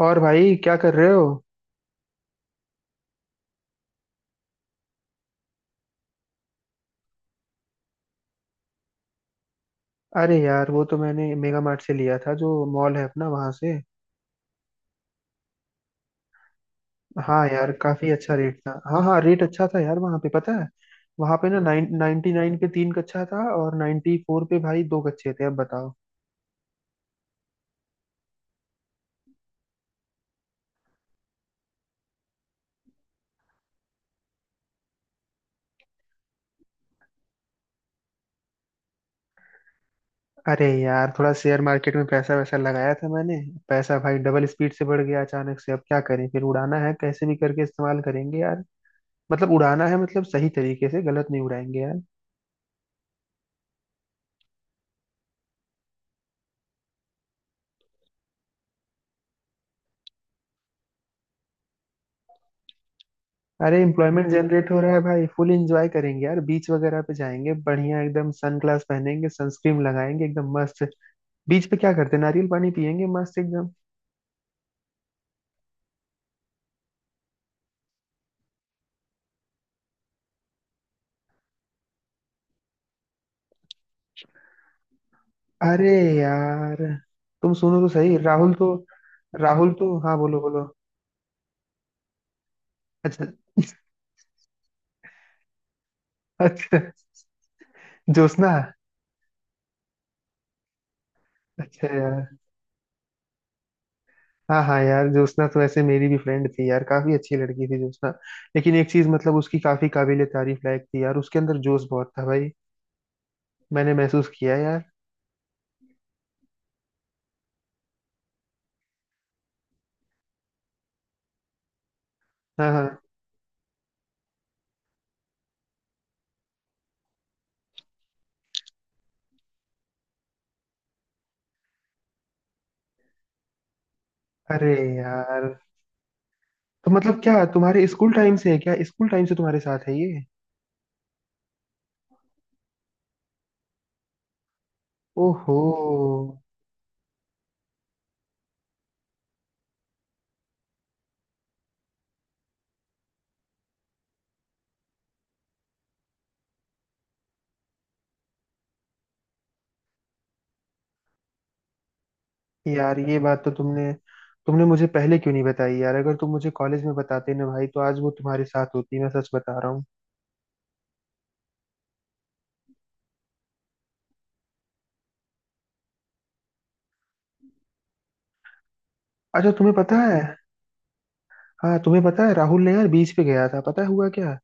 और भाई क्या कर रहे हो? अरे यार, वो तो मैंने मेगा मार्ट से लिया था, जो मॉल है अपना, वहां से। हाँ यार, काफी अच्छा रेट था। हाँ हाँ, रेट अच्छा था यार। वहां पे पता है, वहां पे ना 999 पे तीन कच्चा था और 94 पे भाई दो कच्चे थे। अब बताओ। अरे यार, थोड़ा शेयर मार्केट में पैसा वैसा लगाया था मैंने। पैसा भाई डबल स्पीड से बढ़ गया अचानक से। अब क्या करें, फिर उड़ाना है, कैसे भी करके इस्तेमाल करेंगे यार। मतलब उड़ाना है, मतलब सही तरीके से, गलत नहीं उड़ाएंगे यार। अरे, एम्प्लॉयमेंट जनरेट हो रहा है भाई, फुल एंजॉय करेंगे यार, बीच वगैरह पे जाएंगे, बढ़िया एकदम, सन ग्लास पहनेंगे, सनस्क्रीन लगाएंगे, एकदम मस्त। बीच पे क्या करते हैं, नारियल पानी पियेंगे, मस्त एकदम। अरे यार, तुम सुनो तो सही। राहुल तो हाँ, बोलो बोलो। अच्छा, अच्छा, ज्योत्सना। अच्छा यार, हाँ हाँ यार, ज्योत्सना तो ऐसे मेरी भी फ्रेंड थी यार। काफी अच्छी लड़की थी ज्योत्सना। लेकिन एक चीज मतलब उसकी काफी काबिले तारीफ लायक थी यार, उसके अंदर जोश बहुत था भाई। मैंने महसूस किया यार। हाँ हाँ। अरे यार, तो मतलब क्या तुम्हारे स्कूल टाइम से है क्या, स्कूल टाइम से तुम्हारे साथ है ये? ओहो। यार ये बात तो तुमने तुमने मुझे पहले क्यों नहीं बताई यार? अगर तुम मुझे कॉलेज में बताते ना भाई, तो आज वो तुम्हारे साथ होती, मैं सच बता रहा हूँ। अच्छा, तुम्हें पता है। हाँ, तुम्हें पता है राहुल ने यार, बीच पे गया था, पता है हुआ क्या?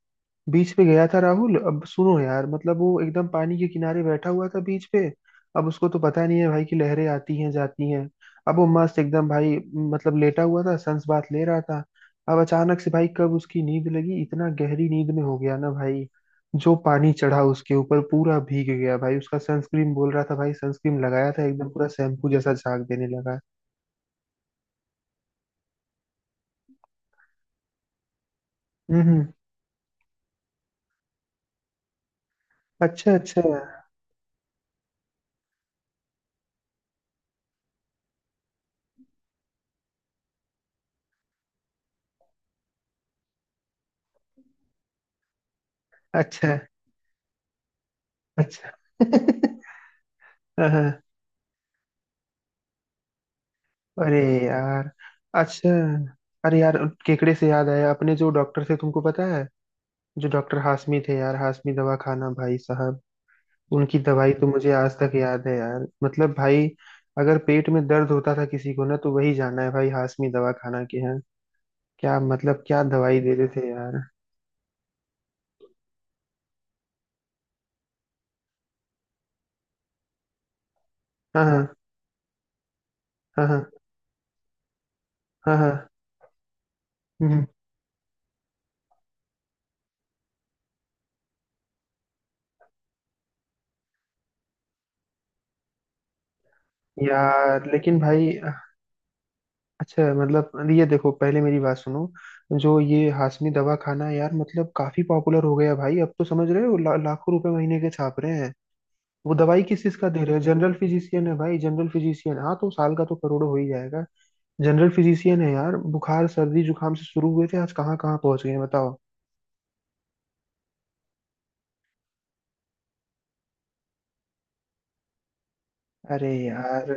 बीच पे गया था राहुल। अब सुनो यार, मतलब वो एकदम पानी के किनारे बैठा हुआ था बीच पे। अब उसको तो पता नहीं है भाई कि लहरें आती हैं जाती हैं। अब वो मस्त एकदम भाई, मतलब लेटा हुआ था, सन्स बाथ ले रहा था। अब अचानक से भाई, कब उसकी नींद लगी, इतना गहरी नींद में हो गया ना भाई। जो पानी चढ़ा उसके ऊपर, पूरा भीग गया भाई। उसका सनस्क्रीन बोल रहा था भाई, सनस्क्रीन लगाया था एकदम, पूरा शैम्पू जैसा झाग देने लगा। हम्म हम्म। अच्छा, अच्छा। अच्छा, अच्छा। हाँ, हाँ। अरे यार। अच्छा। अरे यार, केकड़े से याद आया, अपने जो डॉक्टर थे, तुमको पता है, जो डॉक्टर हाशमी थे यार, हाशमी दवा खाना, भाई साहब। उनकी दवाई तो मुझे आज तक याद है यार, मतलब भाई, अगर पेट में दर्द होता था किसी को ना, तो वही जाना है भाई, हाशमी दवा खाना के यहाँ। क्या मतलब, क्या दवाई देते थे यार? हाँ हाँ। हाँ हाँ। हाँ हाँ। हम्म, यार लेकिन भाई, अच्छा मतलब ये देखो, पहले मेरी बात सुनो। जो ये हाशमी दवा खाना है यार, मतलब काफी पॉपुलर हो गया भाई, अब तो समझ रहे हो, लाखों रुपए महीने के छाप रहे हैं। वो दवाई किस चीज का दे रहे हैं, जनरल फिजिशियन है भाई, जनरल फिजिशियन। हाँ, तो साल का तो करोड़ों हो ही जाएगा। जनरल फिजिशियन है यार, बुखार सर्दी जुकाम से शुरू हुए थे, आज कहाँ कहाँ पहुंच गए हैं, बताओ। अरे यार।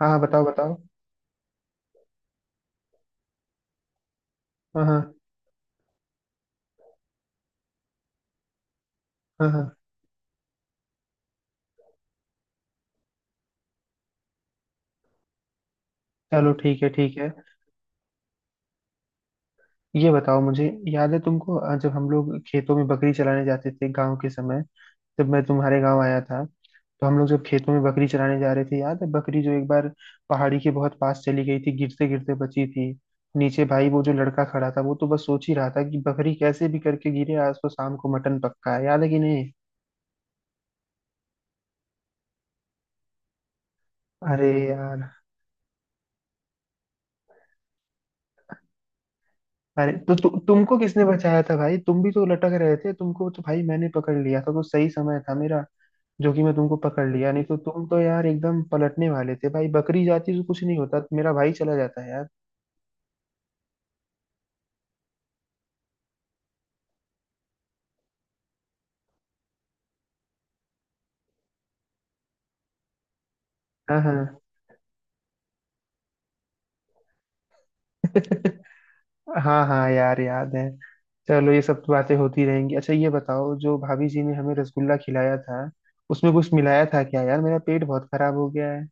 हाँ हाँ, बताओ बताओ। हाँ हाँ। हाँ हाँ। चलो ठीक है, ठीक है। ये बताओ मुझे, याद है तुमको, जब हम लोग खेतों में बकरी चराने जाते थे गाँव के समय, जब मैं तुम्हारे गांव आया था, तो हम लोग जब खेतों में बकरी चराने जा रहे थे, याद है बकरी जो एक बार पहाड़ी के बहुत पास चली गई थी, गिरते गिरते बची थी। नीचे भाई वो जो लड़का खड़ा था, वो तो बस सोच ही रहा था कि बकरी कैसे भी करके गिरे, आज तो शाम को मटन पक्का है। याद है कि नहीं? अरे यार, अरे तो तुमको किसने बचाया था भाई, तुम भी तो लटक रहे थे, तुमको तो भाई मैंने पकड़ लिया था, तो सही समय था मेरा जो कि मैं तुमको पकड़ लिया, नहीं तो तुम तो यार एकदम पलटने वाले थे भाई। बकरी जाती तो कुछ नहीं होता, मेरा भाई चला जाता है यार। हाँ हाँ। हाँ हाँ यार, याद है। चलो ये सब तो बातें होती रहेंगी। अच्छा ये बताओ, जो भाभी जी ने हमें रसगुल्ला खिलाया था, उसमें कुछ मिलाया था क्या यार? मेरा पेट बहुत खराब हो गया है।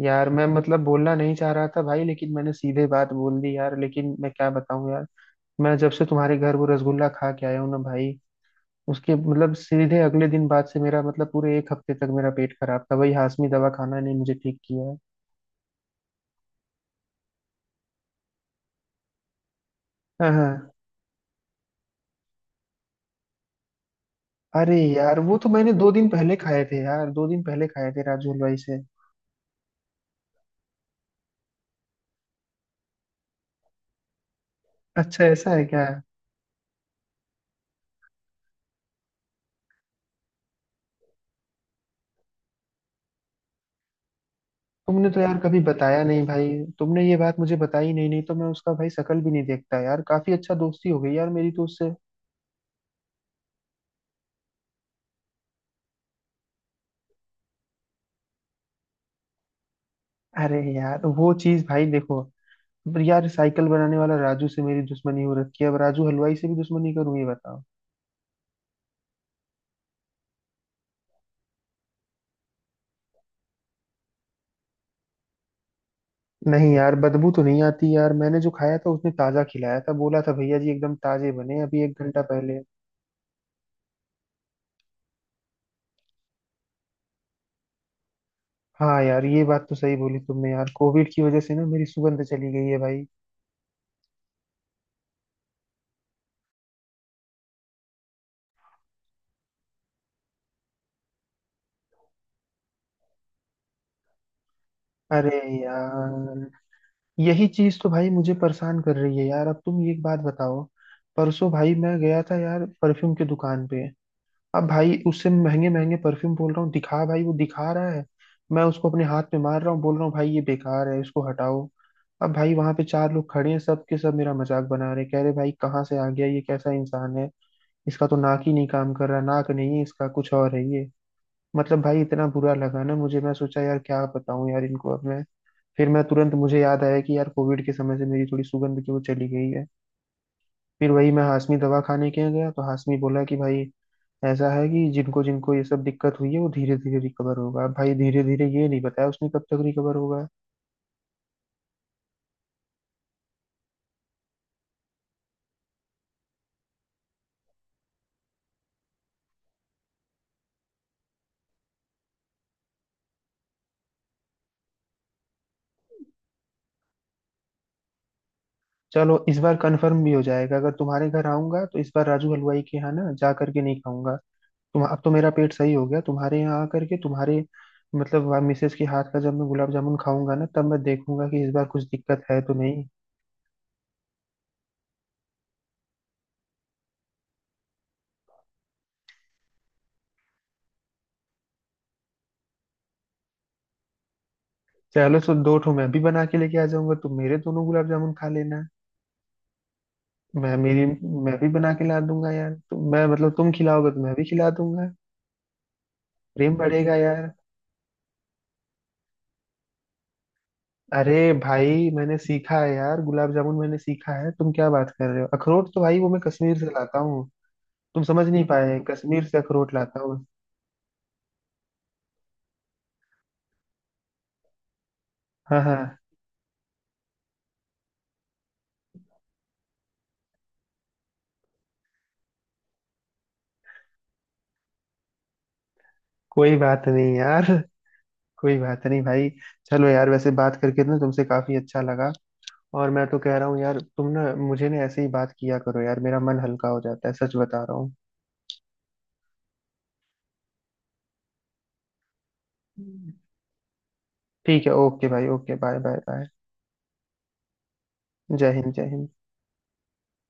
यार मैं मतलब बोलना नहीं चाह रहा था भाई, लेकिन मैंने सीधे बात बोल दी यार, लेकिन मैं क्या बताऊं यार, मैं जब से तुम्हारे घर वो रसगुल्ला खा के आया हूँ ना भाई, उसके मतलब सीधे अगले दिन बाद से मेरा, मतलब पूरे 1 हफ्ते तक मेरा पेट खराब था भाई, हाशमी दवा खाना ने मुझे ठीक किया है। हाँ हाँ। अरे यार, वो तो मैंने 2 दिन पहले खाए थे यार, 2 दिन पहले खाए थे राजू हलवाई से। अच्छा, ऐसा है क्या? तुमने तो यार कभी बताया नहीं भाई, तुमने ये बात मुझे बताई नहीं, नहीं तो मैं उसका भाई शकल भी नहीं देखता यार, काफी अच्छा दोस्ती हो गई यार मेरी तो उससे। अरे यार, वो चीज भाई देखो यार, साइकिल बनाने वाला राजू से मेरी दुश्मनी हो रखी है, अब राजू हलवाई से भी दुश्मनी करूँ, ये बताओ। नहीं यार, बदबू तो नहीं आती यार, मैंने जो खाया था उसने ताजा खिलाया था, बोला था भैया जी एकदम ताजे बने अभी 1 घंटा पहले। हाँ यार, ये बात तो सही बोली तुमने यार, कोविड की वजह से ना मेरी सुगंध चली गई है भाई। अरे यार, यही चीज तो भाई मुझे परेशान कर रही है यार। अब तुम एक बात बताओ, परसों भाई मैं गया था यार, परफ्यूम की दुकान पे। अब भाई उससे महंगे महंगे परफ्यूम बोल रहा हूँ दिखा, भाई वो दिखा रहा है, मैं उसको अपने हाथ में मार रहा हूँ, बोल रहा हूँ भाई ये बेकार है, इसको हटाओ। अब भाई वहां पे चार लोग खड़े हैं, सब के सब मेरा मजाक बना रहे, कह रहे भाई कहाँ से आ गया, ये कैसा इंसान है, इसका तो नाक ही नहीं काम कर रहा, नाक नहीं है इसका, कुछ और है ये। मतलब भाई इतना बुरा लगा ना मुझे, मैं सोचा यार क्या बताऊं यार इनको अब मैं, फिर मैं तुरंत, मुझे याद आया कि यार कोविड के समय से मेरी थोड़ी सुगंध की वो चली गई है। फिर वही मैं हाशमी दवा खाने के यहाँ गया, तो हाशमी बोला कि भाई, ऐसा है कि जिनको जिनको ये सब दिक्कत हुई है, वो धीरे धीरे रिकवर होगा। अब भाई धीरे धीरे ये नहीं बताया उसने कब तक रिकवर होगा। चलो इस बार कंफर्म भी हो जाएगा, अगर तुम्हारे घर आऊंगा तो इस बार राजू हलवाई के यहाँ ना जा करके नहीं खाऊंगा। तुम, अब तो मेरा पेट सही हो गया तुम्हारे यहाँ आ करके, तुम्हारे मतलब वहाँ मिसेज के हाथ का जब मैं गुलाब जामुन खाऊंगा ना, तब मैं देखूंगा कि इस बार कुछ दिक्कत है तो नहीं। चलो, तो दो ठो मैं भी बना के लेके आ जाऊंगा, तुम मेरे दोनों गुलाब जामुन खा लेना। मैं मेरी मैं भी बना के ला दूंगा यार, तो मैं मतलब तुम खिलाओगे तो मैं भी खिला दूंगा। प्रेम बढ़ेगा यार। अरे भाई मैंने सीखा है यार, गुलाब जामुन मैंने सीखा है, तुम क्या बात कर रहे हो? अखरोट तो भाई वो मैं कश्मीर से लाता हूँ। तुम समझ नहीं पाए, कश्मीर से अखरोट लाता हूँ। हाँ हाँ। कोई बात नहीं यार, कोई बात नहीं भाई। चलो यार, वैसे बात करके ना तुमसे काफी अच्छा लगा। और मैं तो कह रहा हूँ यार, तुम ना मुझे ना ऐसे ही बात किया करो यार, मेरा मन हल्का हो जाता है, सच बता रहा हूँ। ठीक है, ओके भाई, ओके, बाय बाय बाय। जय हिंद, जय हिंद।